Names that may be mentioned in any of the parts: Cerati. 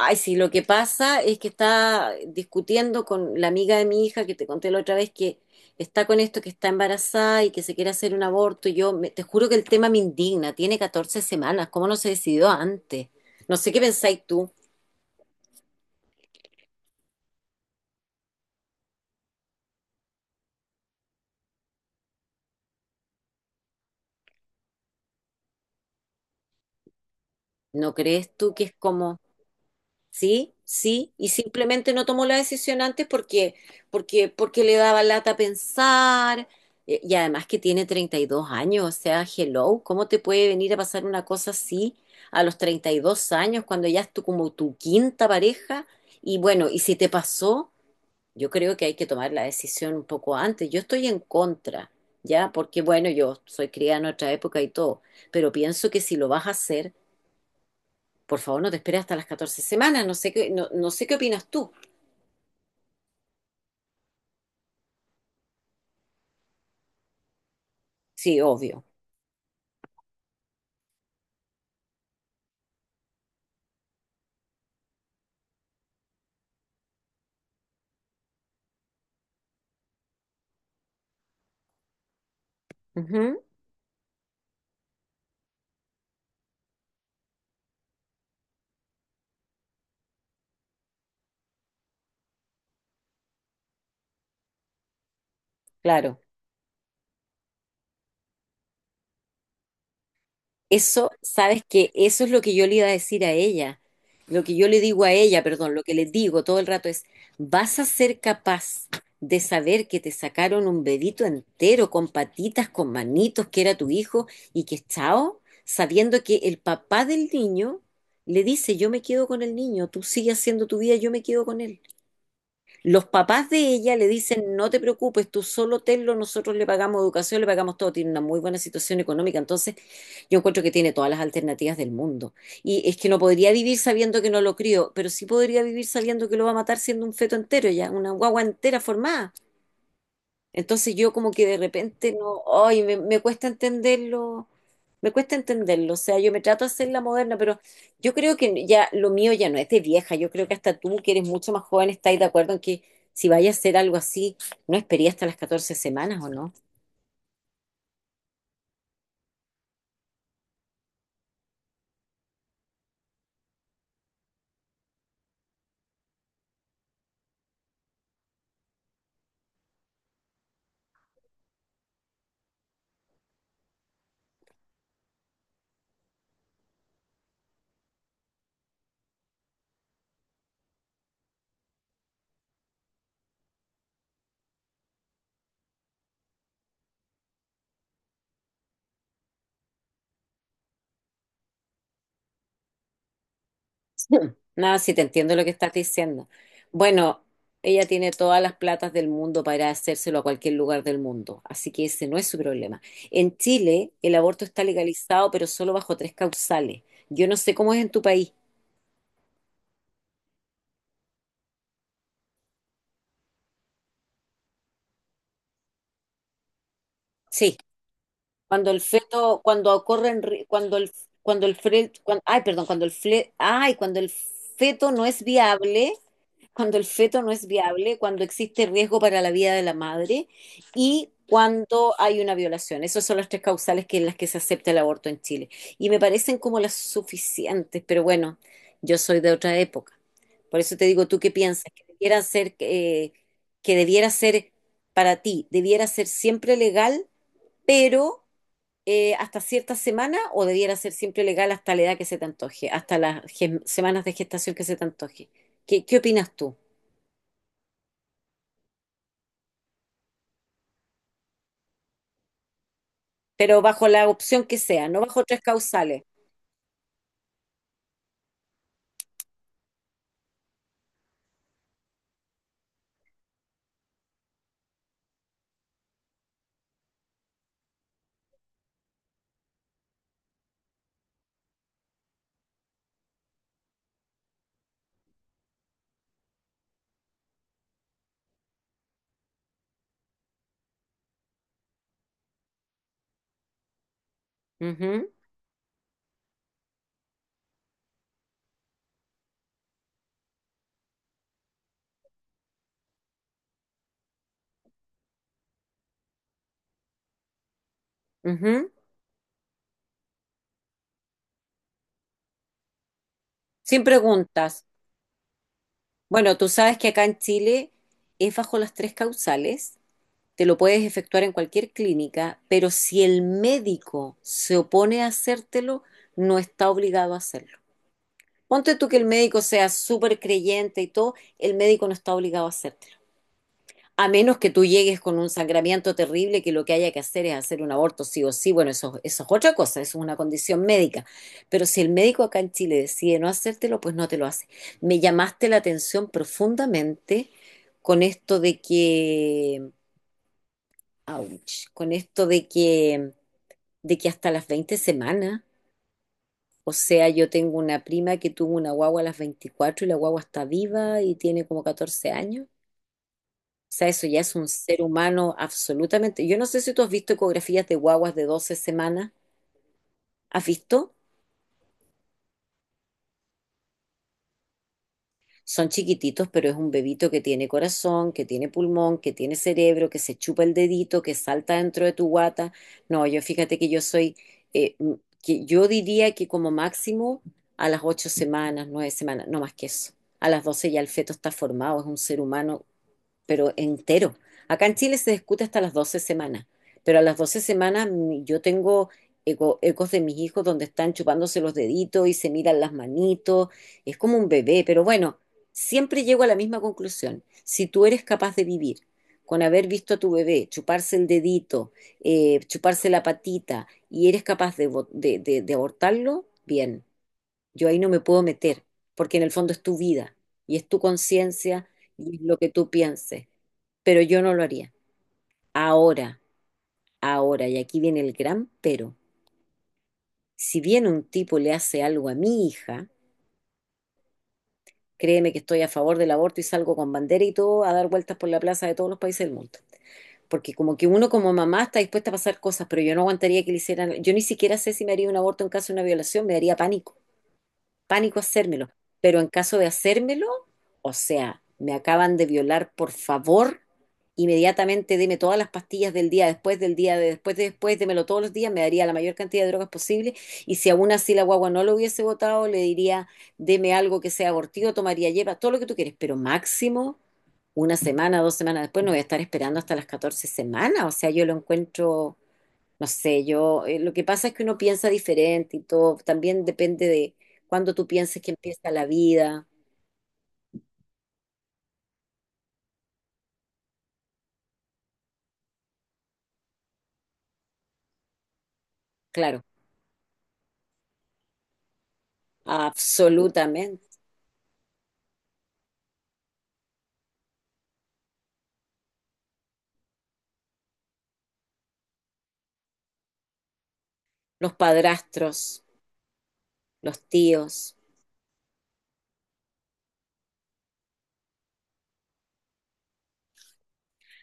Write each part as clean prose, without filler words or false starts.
Ay, sí, lo que pasa es que está discutiendo con la amiga de mi hija que te conté la otra vez que está con esto, que está embarazada y que se quiere hacer un aborto. Y yo te juro que el tema me indigna. Tiene 14 semanas. ¿Cómo no se decidió antes? No sé qué pensáis tú. ¿No crees tú que es como... Sí, sí, y simplemente no tomó la decisión antes porque, porque le daba lata pensar, y además que tiene 32 años, o sea, hello, ¿cómo te puede venir a pasar una cosa así a los 32 años cuando ya es tu, como tu quinta pareja? Y bueno, y si te pasó, yo creo que hay que tomar la decisión un poco antes. Yo estoy en contra, ¿ya? Porque bueno, yo soy criada en otra época y todo, pero pienso que si lo vas a hacer, por favor, no te esperes hasta las 14 semanas, no sé qué, no, no sé qué opinas tú. Sí, obvio. Ujú, claro. Eso, sabes que eso es lo que yo le iba a decir a ella. Lo que yo le digo a ella, perdón, lo que le digo todo el rato es, ¿vas a ser capaz de saber que te sacaron un bebito entero con patitas, con manitos, que era tu hijo y que es chao? Sabiendo que el papá del niño le dice, yo me quedo con el niño, tú sigues haciendo tu vida, yo me quedo con él. Los papás de ella le dicen, no te preocupes, tú solo tenlo, nosotros le pagamos educación, le pagamos todo, tiene una muy buena situación económica, entonces yo encuentro que tiene todas las alternativas del mundo. Y es que no podría vivir sabiendo que no lo crío, pero sí podría vivir sabiendo que lo va a matar siendo un feto entero ya, una guagua entera formada. Entonces yo como que de repente no, ay, me cuesta entenderlo, me cuesta entenderlo, o sea, yo me trato de hacer la moderna, pero yo creo que ya lo mío ya no es de vieja, yo creo que hasta tú que eres mucho más joven estás de acuerdo en que si vayas a hacer algo así, no esperé hasta las 14 semanas, ¿o no? Nada, sí te entiendo lo que estás diciendo. Bueno, ella tiene todas las platas del mundo para hacérselo a cualquier lugar del mundo, así que ese no es su problema. En Chile, el aborto está legalizado, pero solo bajo tres causales. Yo no sé cómo es en tu país. Sí, cuando el feto, cuando ocurre, cuando el fre- cuan- ay, perdón, ay, cuando el feto no es viable cuando el feto no es viable, cuando existe riesgo para la vida de la madre y cuando hay una violación. Esas son las tres causales que, en las que se acepta el aborto en Chile. Y me parecen como las suficientes, pero bueno, yo soy de otra época. Por eso te digo, ¿tú qué piensas? Que debiera ser para ti, debiera ser siempre legal, pero hasta cierta semana o debiera ser siempre legal hasta la edad que se te antoje, hasta las semanas de gestación que se te antoje? ¿Qué, qué opinas tú? Pero bajo la opción que sea, no bajo tres causales. Ujú, ujú. Sin preguntas. Bueno, tú sabes que acá en Chile es bajo las tres causales, te lo puedes efectuar en cualquier clínica, pero si el médico se opone a hacértelo, no está obligado a hacerlo. Ponte tú que el médico sea súper creyente y todo, el médico no está obligado a hacerlo. A menos que tú llegues con un sangramiento terrible, que lo que haya que hacer es hacer un aborto sí o sí, bueno, eso es otra cosa, eso es una condición médica. Pero si el médico acá en Chile decide no hacértelo, pues no te lo hace. Me llamaste la atención profundamente con esto de que, ouch, con esto de que hasta las 20 semanas, o sea, yo tengo una prima que tuvo una guagua a las 24 y la guagua está viva y tiene como 14 años. O sea, eso ya es un ser humano absolutamente. Yo no sé si tú has visto ecografías de guaguas de 12 semanas. ¿Has visto? Son chiquititos, pero es un bebito que tiene corazón, que tiene pulmón, que tiene cerebro, que se chupa el dedito, que salta dentro de tu guata. No, yo fíjate que yo soy, que yo diría que como máximo a las 8 semanas, 9 semanas, no más que eso. A las 12 ya el feto está formado, es un ser humano pero entero. Acá en Chile se discute hasta las 12 semanas, pero a las 12 semanas yo tengo ecos de mis hijos donde están chupándose los deditos y se miran las manitos, es como un bebé, pero bueno, siempre llego a la misma conclusión. Si tú eres capaz de vivir con haber visto a tu bebé chuparse el dedito, chuparse la patita y eres capaz de, de abortarlo, bien. Yo ahí no me puedo meter, porque en el fondo es tu vida y es tu conciencia y es lo que tú pienses. Pero yo no lo haría. Ahora, ahora, y aquí viene el gran pero. Si viene un tipo y le hace algo a mi hija, créeme que estoy a favor del aborto y salgo con bandera y todo a dar vueltas por la plaza de todos los países del mundo. Porque como que uno como mamá está dispuesta a pasar cosas, pero yo no aguantaría que le hicieran, yo ni siquiera sé si me haría un aborto en caso de una violación, me daría pánico. Pánico hacérmelo, pero en caso de hacérmelo, o sea, me acaban de violar, por favor, inmediatamente deme todas las pastillas del día después, del día de después, démelo todos los días, me daría la mayor cantidad de drogas posible y si aún así la guagua no lo hubiese votado, le diría, deme algo que sea abortivo, tomaría hierba, todo lo que tú quieres, pero máximo una semana, 2 semanas después, no voy a estar esperando hasta las 14 semanas, o sea, yo lo encuentro no sé, yo, lo que pasa es que uno piensa diferente y todo, también depende de cuándo tú pienses que empieza la vida, claro, absolutamente. Los padrastros, los tíos,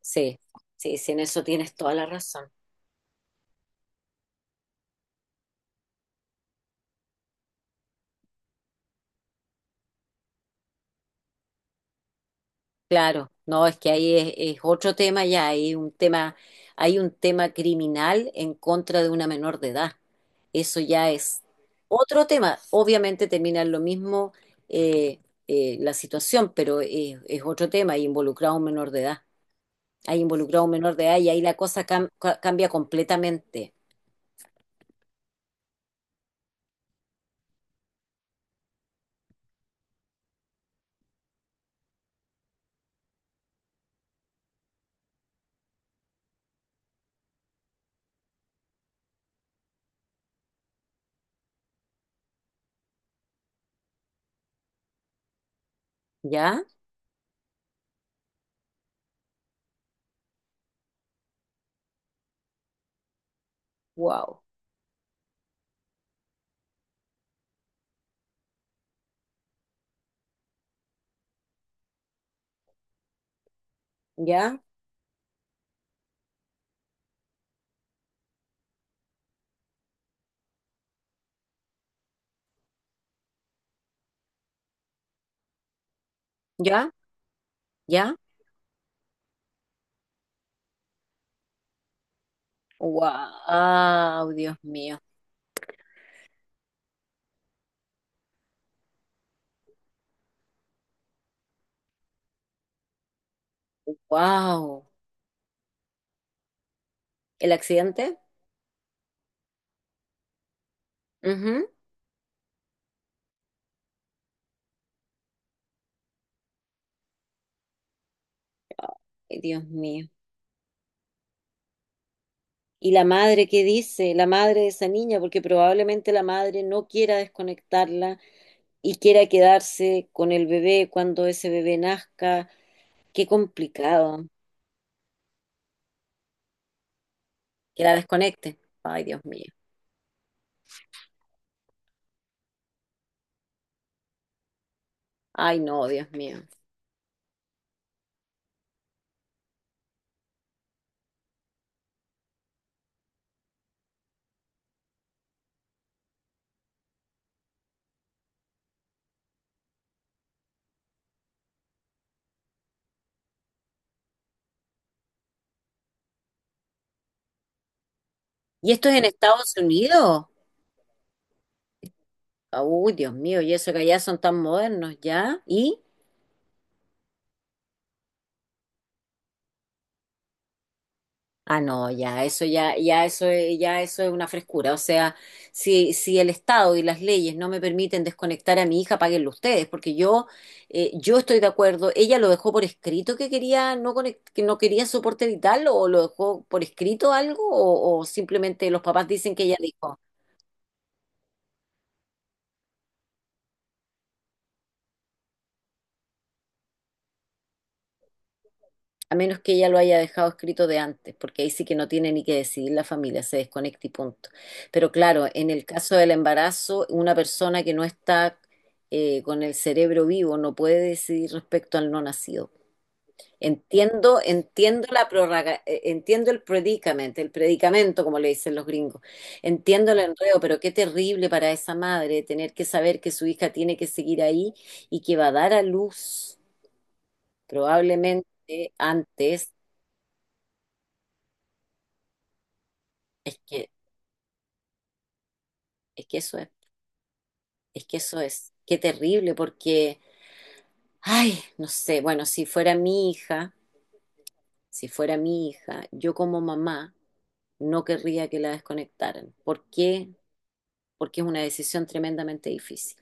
sí, sí, sí, en eso tienes toda la razón. Claro, no, es que ahí es otro tema ya, hay un tema criminal en contra de una menor de edad. Eso ya es otro tema. Obviamente termina en lo mismo eh, la situación, pero es otro tema, hay involucrado un menor de edad. Hay involucrado un menor de edad y ahí la cosa cambia completamente. ¿Ya? Wow. ¿Ya? ¿Ya? ¿Ya? Wow. Dios mío. Wow. ¿El accidente? Ay, Dios mío. ¿Y la madre qué dice? La madre de esa niña, porque probablemente la madre no quiera desconectarla y quiera quedarse con el bebé cuando ese bebé nazca. Qué complicado. Que la desconecte. Ay, Dios mío. Ay, no, Dios mío. ¿Y esto es en Estados Unidos? Uy, Dios mío, y eso que allá son tan modernos, ¿ya? ¿Y? Ah, no, ya eso ya, ya eso es una frescura. O sea, si, si el Estado y las leyes no me permiten desconectar a mi hija, páguenlo ustedes, porque yo estoy de acuerdo. Ella lo dejó por escrito que quería que no quería soporte vital, o lo dejó por escrito algo, o simplemente los papás dicen que ella dijo. A menos que ella lo haya dejado escrito de antes, porque ahí sí que no tiene ni que decidir la familia, se desconecta y punto. Pero claro, en el caso del embarazo, una persona que no está con el cerebro vivo no puede decidir respecto al no nacido. Entiendo, entiendo la prórroga, entiendo el predicamento, como le dicen los gringos. Entiendo el enredo, pero qué terrible para esa madre tener que saber que su hija tiene que seguir ahí y que va a dar a luz probablemente antes. Es que Es que eso es que eso es, qué terrible, porque, ay, no sé, bueno, si fuera mi hija, si fuera mi hija, yo como mamá no querría que la desconectaran. ¿Por qué? Porque es una decisión tremendamente difícil,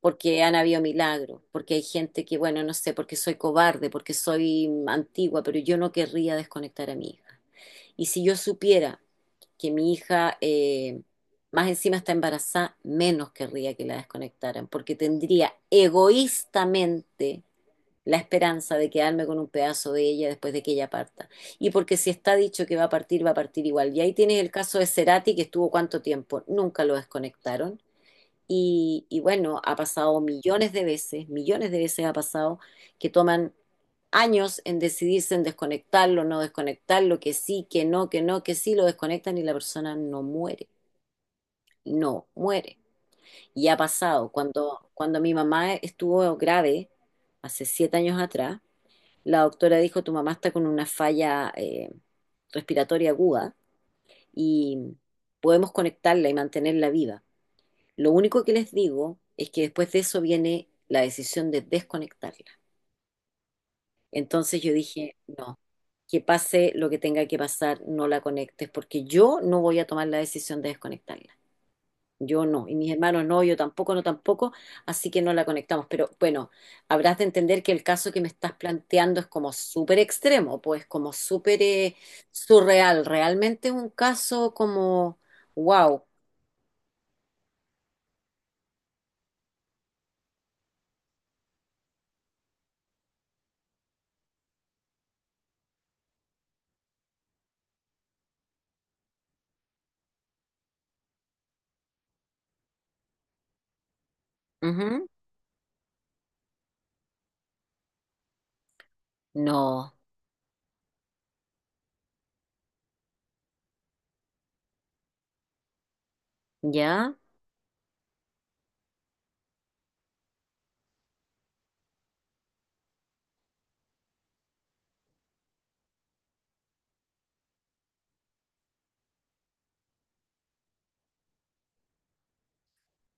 porque han habido milagros, porque hay gente que, bueno, no sé, porque soy cobarde, porque soy antigua, pero yo no querría desconectar a mi hija. Y si yo supiera que mi hija más encima está embarazada, menos querría que la desconectaran, porque tendría egoístamente la esperanza de quedarme con un pedazo de ella después de que ella parta. Y porque si está dicho que va a partir igual. Y ahí tienes el caso de Cerati, que estuvo cuánto tiempo, nunca lo desconectaron. Y bueno, ha pasado millones de veces ha pasado que toman años en decidirse en desconectarlo, no desconectarlo, que sí, que no, que no, que sí, lo desconectan y la persona no muere, no muere. Y ha pasado, cuando mi mamá estuvo grave, hace 7 años atrás, la doctora dijo, tu mamá está con una falla respiratoria aguda y podemos conectarla y mantenerla viva. Lo único que les digo es que después de eso viene la decisión de desconectarla. Entonces yo dije, no, que pase lo que tenga que pasar, no la conectes, porque yo no voy a tomar la decisión de desconectarla. Yo no, y mis hermanos no, yo tampoco, no tampoco, así que no la conectamos. Pero bueno, habrás de entender que el caso que me estás planteando es como súper extremo, pues como súper surreal. Realmente un caso como, wow. Ujú. No, ¿ya?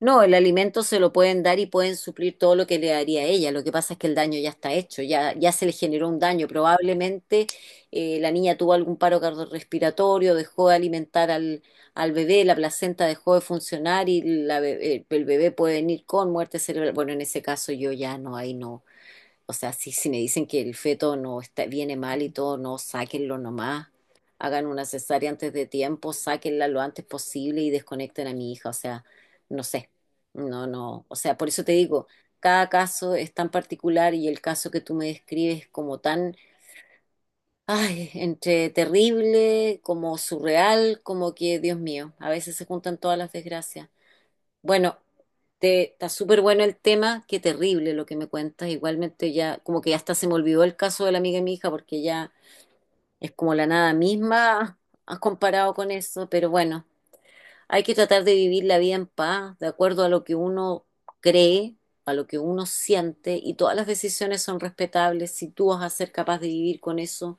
No, el alimento se lo pueden dar y pueden suplir todo lo que le daría a ella. Lo que pasa es que el daño ya está hecho, ya, ya se le generó un daño. Probablemente la niña tuvo algún paro cardiorrespiratorio, dejó de alimentar al bebé, la placenta dejó de funcionar y el bebé puede venir con muerte cerebral. Bueno, en ese caso yo ya no, ahí no. O sea, si me dicen que el feto no está, viene mal y todo, no, sáquenlo nomás. Hagan una cesárea antes de tiempo, sáquenla lo antes posible y desconecten a mi hija. O sea, no sé. No, no. O sea, por eso te digo, cada caso es tan particular y el caso que tú me describes como tan, ay, entre terrible, como surreal, como que, Dios mío, a veces se juntan todas las desgracias. Bueno, está súper bueno el tema, qué terrible lo que me cuentas. Igualmente ya, como que hasta se me olvidó el caso de la amiga de mi hija, porque ya es como la nada misma, has comparado con eso, pero bueno, hay que tratar de vivir la vida en paz, de acuerdo a lo que uno cree, a lo que uno siente, y todas las decisiones son respetables. Si tú vas a ser capaz de vivir con eso,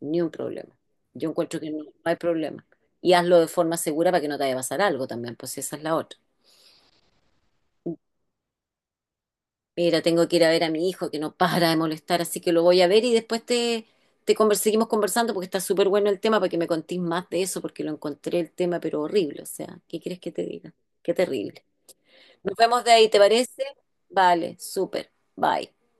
ni un problema. Yo encuentro que no, no hay problema. Y hazlo de forma segura para que no te vaya a pasar algo también, pues esa es la otra. Mira, tengo que ir a ver a mi hijo que no para de molestar, así que lo voy a ver y después seguimos conversando porque está súper bueno el tema para que me contís más de eso, porque lo encontré el tema, pero horrible. O sea, ¿qué quieres que te diga? Qué terrible. Nos vemos de ahí, ¿te parece? Vale, súper. Bye.